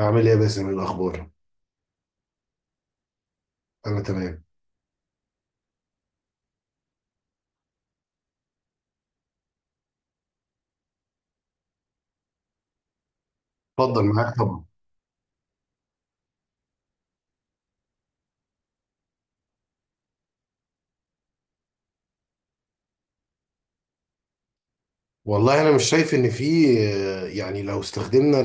أعمل إيه يا باسم؟ إيه الأخبار؟ أنا تمام. اتفضل معاك طبعا. والله أنا مش شايف إن في، يعني لو استخدمنا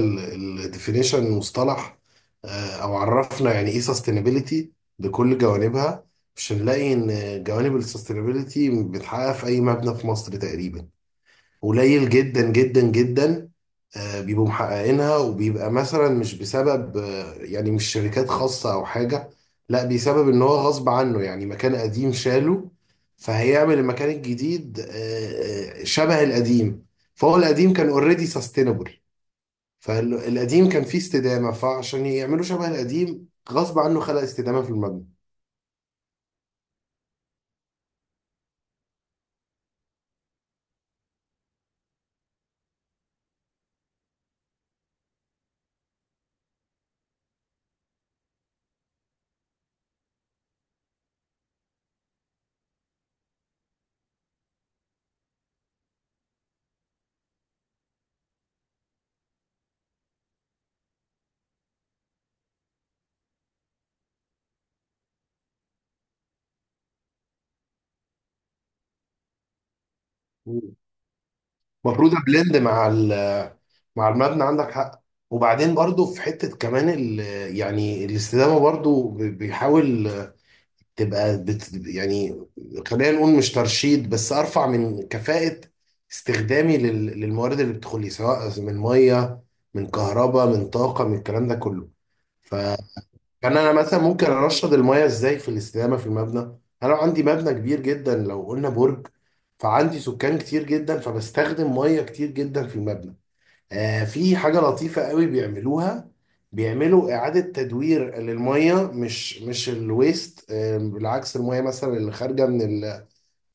الديفينيشن مصطلح، أو عرفنا يعني إيه سستينابيلتي بكل جوانبها، مش هنلاقي إن جوانب السستينابيلتي بتتحقق في أي مبنى في مصر تقريبا. قليل جدا جدا جدا، بيبقوا محققينها، وبيبقى مثلا مش بسبب يعني مش شركات خاصة أو حاجة، لا بسبب إن هو غصب عنه، يعني مكان قديم شاله فهيعمل المكان الجديد شبه القديم، فهو القديم كان اوريدي سستينبل، فالقديم كان فيه استدامة، فعشان يعملوا شبه القديم غصب عنه خلق استدامة في المبنى. مم. المفروض أبلند مع المبنى، عندك حق. وبعدين برضو في حتة كمان ال، يعني الاستدامة برضو بيحاول تبقى بت، يعني خلينا نقول مش ترشيد، بس أرفع من كفاءة استخدامي للموارد اللي بتدخل لي سواء من مية، من كهرباء، من طاقة، من الكلام ده كله. فكان أنا مثلا ممكن أرشد المية إزاي في الاستدامة في المبنى. أنا لو عندي مبنى كبير جدا، لو قلنا برج، فعندي سكان كتير جدا، فبستخدم مية كتير جدا في المبنى. في حاجة لطيفة قوي بيعملوها، بيعملوا إعادة تدوير للمية، مش الويست، بالعكس، المية مثلا اللي خارجة من ال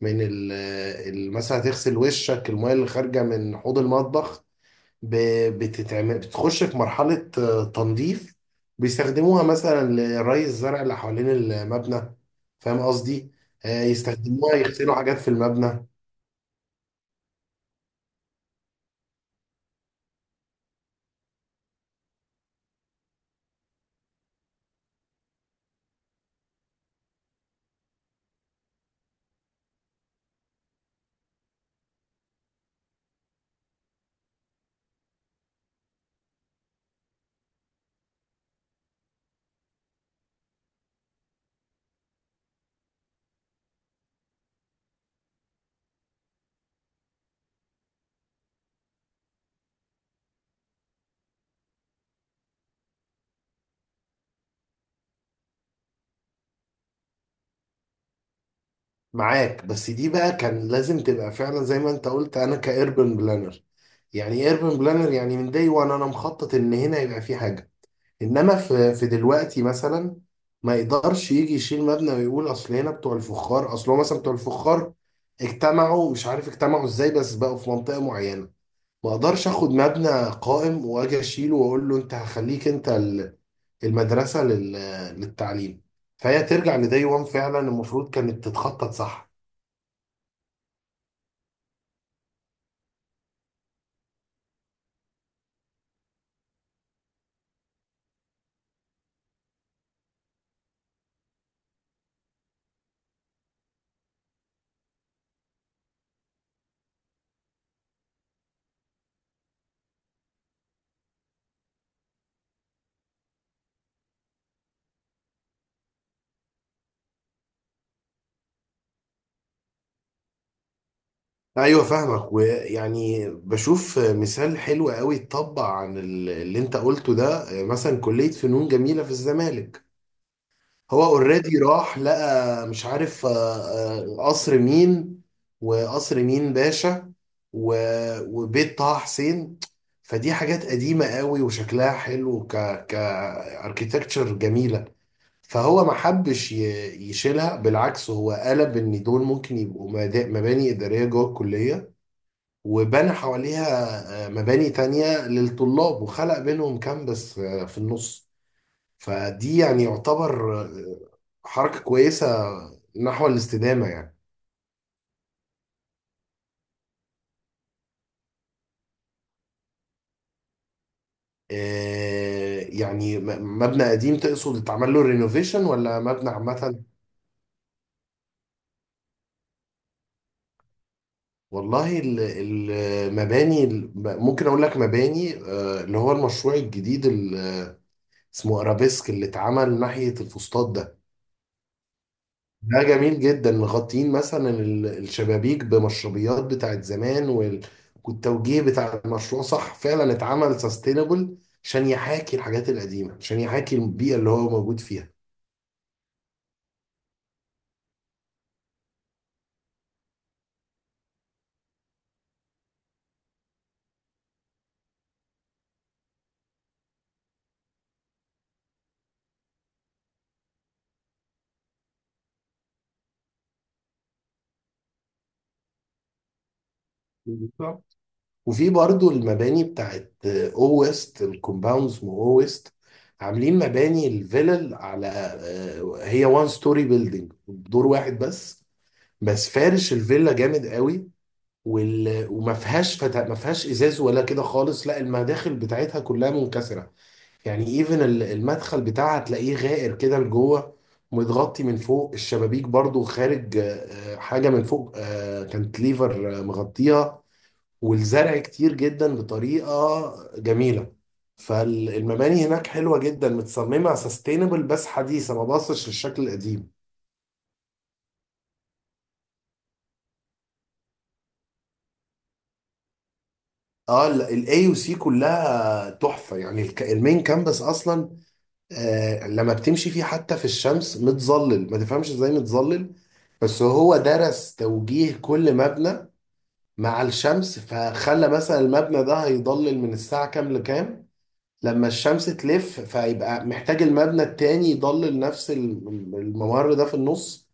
من ال آه، ال- مثلا هتغسل وشك، المية اللي خارجة من حوض المطبخ ب- بتتعمل، بتخش في مرحلة تنظيف، بيستخدموها مثلا لري الزرع اللي حوالين المبنى. فاهم قصدي؟ يستخدموها يغسلوا حاجات في المبنى. معاك، بس دي بقى كان لازم تبقى فعلا زي ما انت قلت، انا كايربن بلانر. يعني ايه ايربن بلانر؟ يعني من داي وان انا مخطط ان هنا يبقى في حاجه. انما في دلوقتي مثلا، ما يقدرش يجي يشيل مبنى ويقول اصل هنا بتوع الفخار، اصل هو مثلا بتوع الفخار اجتمعوا، مش عارف اجتمعوا ازاي، بس بقوا في منطقه معينه. ما اقدرش اخد مبنى قائم واجي اشيله واقول له انت هخليك انت المدرسه للتعليم. فهي ترجع لداي وان، فعلا المفروض كانت تتخطط صح. ايوه فاهمك، ويعني بشوف مثال حلو قوي اتطبق عن اللي انت قلته ده، مثلا كلية فنون جميلة في الزمالك. هو اوريدي راح لقى مش عارف، قصر مين وقصر مين باشا وبيت طه حسين. فدي حاجات قديمة قوي، وشكلها حلو، كاركتكتشر جميلة. فهو ما حبش يشيلها، بالعكس هو قلب ان دول ممكن يبقوا مباني إدارية جوه الكلية، وبنى حواليها مباني تانية للطلاب، وخلق بينهم كامبس في النص. فدي يعني يعتبر حركة كويسة نحو الاستدامة يعني. إيه يعني مبنى قديم تقصد اتعمل له رينوفيشن، ولا مبنى عامة؟ والله المباني ممكن اقول لك مباني اللي هو المشروع الجديد اللي اسمه ارابيسك، اللي اتعمل ناحية الفسطاط ده. ده جميل جدا، مغطين مثلا الشبابيك بمشربيات بتاعت زمان، والتوجيه بتاع المشروع صح، فعلا اتعمل سستينبل عشان يحاكي الحاجات القديمة، عشان يحاكي البيئة اللي هو موجود فيها. بالظبط. وفي برضو المباني بتاعت او ويست الكومباوندز، مو او ويست، عاملين مباني الفيلل على هي وان ستوري بيلدينج، دور واحد بس، بس فارش الفيلا جامد قوي. وما فيهاش فتا... ما فيهاش ازاز ولا كده خالص، لا المداخل بتاعتها كلها منكسره، يعني ايفن المدخل بتاعها تلاقيه غائر كده لجوه، متغطي من فوق، الشبابيك برضو خارج حاجه من فوق، كانت ليفر مغطيها، والزرع كتير جدا بطريقه جميله. فالمباني هناك حلوه جدا، متصممه سستينبل بس حديثه ما باصش للشكل القديم. اه، الاي يو سي كلها تحفه، يعني المين كامبس اصلا. لما بتمشي فيه حتى في الشمس متظلل، ما تفهمش ازاي متظلل، بس هو درس توجيه كل مبنى مع الشمس، فخلى مثلا المبنى ده هيضلل من الساعة كام لكام، لما الشمس تلف فيبقى محتاج المبنى التاني يضلل نفس الممر ده في النص.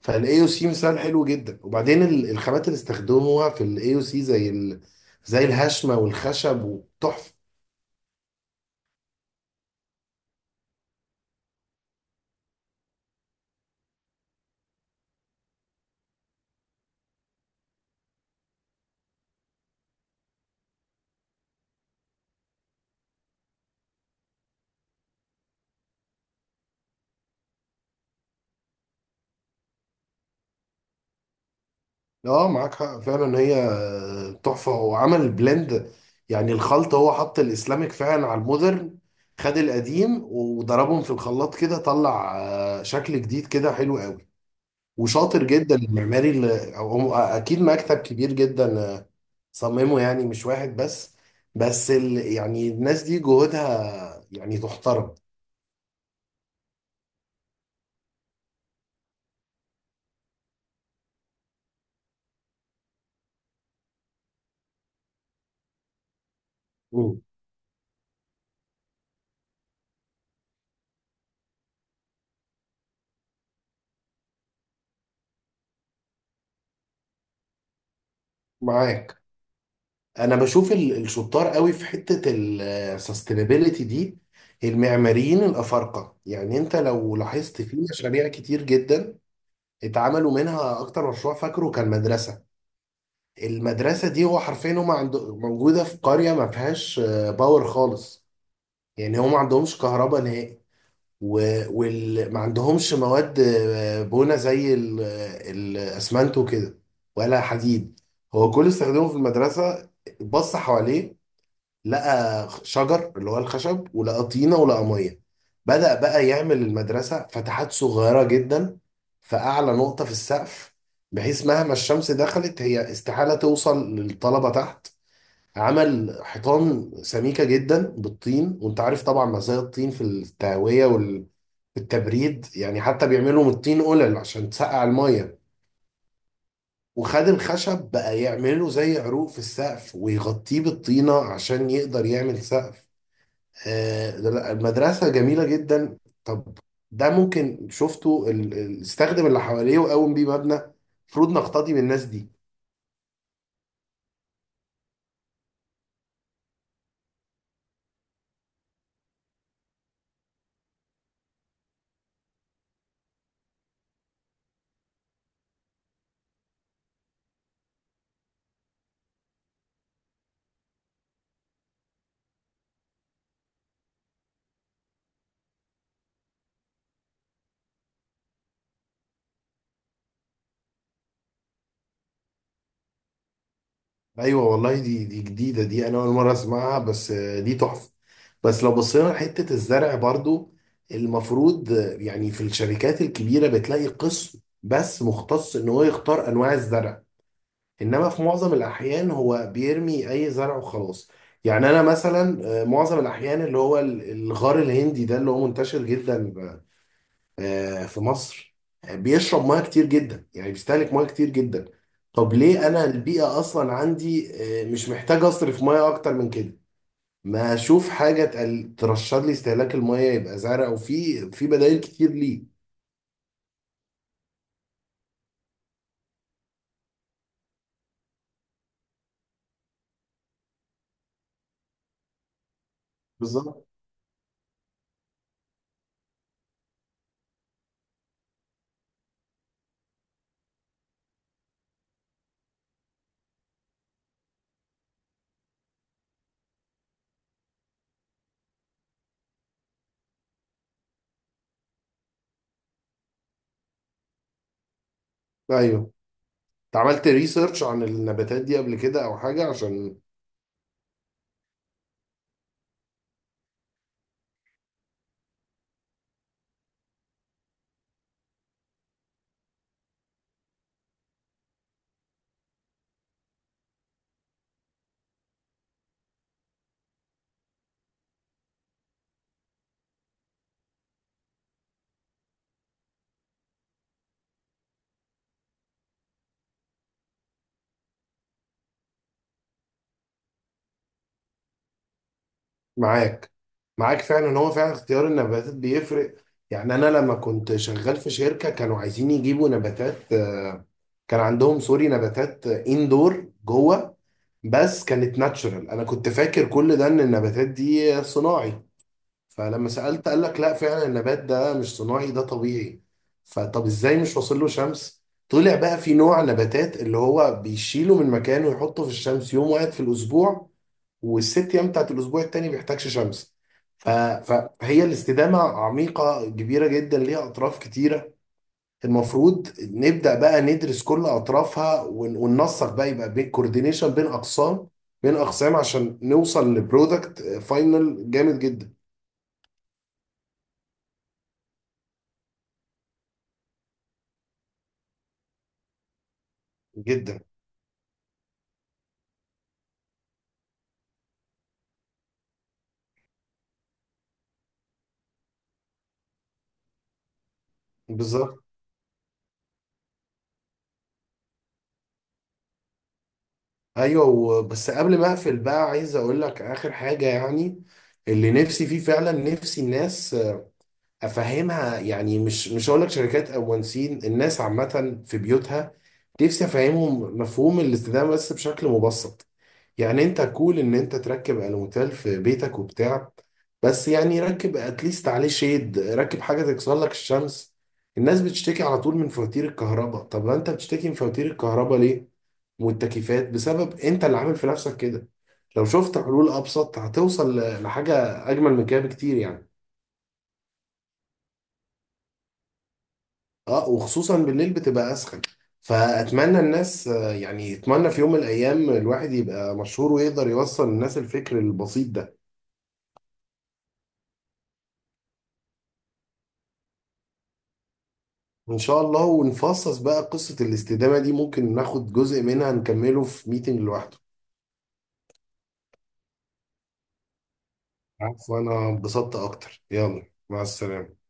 فالاي او سي مثال حلو جدا، وبعدين الخامات اللي استخدموها في الاي او سي زي زي الهشمة والخشب، وتحفة. اه معاك حق فعلا، هي تحفة. هو عمل بلند، يعني الخلط، هو حط الاسلامك فعلا على المودرن. خد القديم وضربهم في الخلاط، كده طلع شكل جديد كده حلو قوي. وشاطر جدا المعماري، اللي هو اكيد مكتب كبير جدا صممه، يعني مش واحد بس، بس يعني الناس دي جهودها يعني تحترم. مم. معاك، انا بشوف الشطار قوي في حتة السستينابيليتي دي المعماريين الافارقة، يعني انت لو لاحظت في مشاريع كتير جدا اتعملوا منها، اكتر مشروع فاكره كان مدرسة. المدرسة دي هو حرفيا هم عند موجودة في قرية ما فيهاش باور خالص، يعني هم ما عندهمش كهرباء نهائي، وما عندهمش مواد بنا زي الاسمنت وكده، ولا حديد. هو كل استخدامه في المدرسة، بص حواليه، لقى شجر اللي هو الخشب، ولقى طينة، ولقى مية. بدأ بقى يعمل المدرسة فتحات صغيرة جدا في أعلى نقطة في السقف، بحيث مهما الشمس دخلت هي استحالة توصل للطلبة تحت. عمل حيطان سميكة جدا بالطين، وانت عارف طبعا مزايا الطين في التهوية والتبريد، يعني حتى بيعملوا من الطين قلل عشان تسقع المية. وخد الخشب بقى يعمله زي عروق في السقف ويغطيه بالطينة عشان يقدر يعمل سقف. لا، المدرسة جميلة جدا. طب، ده ممكن شفته استخدم اللي حواليه وقوم بيه مبنى. المفروض نقتدي بالناس دي. ايوه والله، دي جديدة، دي انا اول مرة اسمعها، بس دي تحفة. بس لو بصينا لحتة الزرع برضو، المفروض يعني في الشركات الكبيرة بتلاقي قسم بس مختص ان هو يختار انواع الزرع، انما في معظم الاحيان هو بيرمي اي زرع وخلاص. يعني انا مثلا معظم الاحيان اللي هو الغار الهندي ده اللي هو منتشر جدا في مصر، بيشرب ميه كتير جدا يعني بيستهلك ميه كتير جدا. طب ليه انا البيئه اصلا عندي، مش محتاج اصرف ميه اكتر من كده، ما اشوف حاجه ترشد لي استهلاك الميه، يبقى زرع، وفي في بدائل كتير ليه. بالظبط. ايوه، انت عملت ريسيرش عن النباتات دي قبل كده او حاجه عشان؟ معاك معاك فعلا إن هو فعلا اختيار النباتات بيفرق. يعني انا لما كنت شغال في شركه كانوا عايزين يجيبوا نباتات كان عندهم سوري نباتات اندور جوه، بس كانت ناتشورال، انا كنت فاكر كل ده ان النباتات دي صناعي. فلما سالت قال لك لا، فعلا النبات ده مش صناعي ده طبيعي. فطب ازاي مش واصل له شمس؟ طلع بقى في نوع نباتات اللي هو بيشيله من مكانه ويحطه في الشمس يوم واحد في الاسبوع، والست ايام بتاعت الاسبوع التاني بيحتاجش شمس. ف- فهي الاستدامة عميقة كبيرة جدا، ليها أطراف كتيرة. المفروض نبدأ بقى ندرس كل أطرافها وننسق بقى يبقى بين كوردينيشن بين أقسام عشان نوصل لبرودكت فاينل جامد جدا. جدا. بالظبط. أيوه بس قبل ما أقفل بقى، عايز أقول لك آخر حاجة يعني، اللي نفسي فيه فعلا، نفسي الناس افهمها، يعني مش هقول لك شركات او مهندسين، الناس عامه في بيوتها نفسي افهمهم مفهوم الاستدامه بس بشكل مبسط. يعني انت كول ان انت تركب الموتيل في بيتك وبتاع، بس يعني ركب اتليست عليه شيد، ركب حاجه تكسر لك الشمس. الناس بتشتكي على طول من فواتير الكهرباء، طب ما انت بتشتكي من فواتير الكهرباء ليه والتكييفات؟ بسبب انت اللي عامل في نفسك كده. لو شفت حلول ابسط هتوصل لحاجه اجمل من كده بكتير يعني. اه، وخصوصا بالليل بتبقى اسخن. فاتمنى الناس يعني يتمنى في يوم من الايام الواحد يبقى مشهور ويقدر يوصل للناس الفكر البسيط ده. ان شاء الله، ونفصص بقى قصة الاستدامة دي، ممكن ناخد جزء منها نكمله في ميتنج لوحده. عفوا، انا انبسطت اكتر، يلا مع السلامة.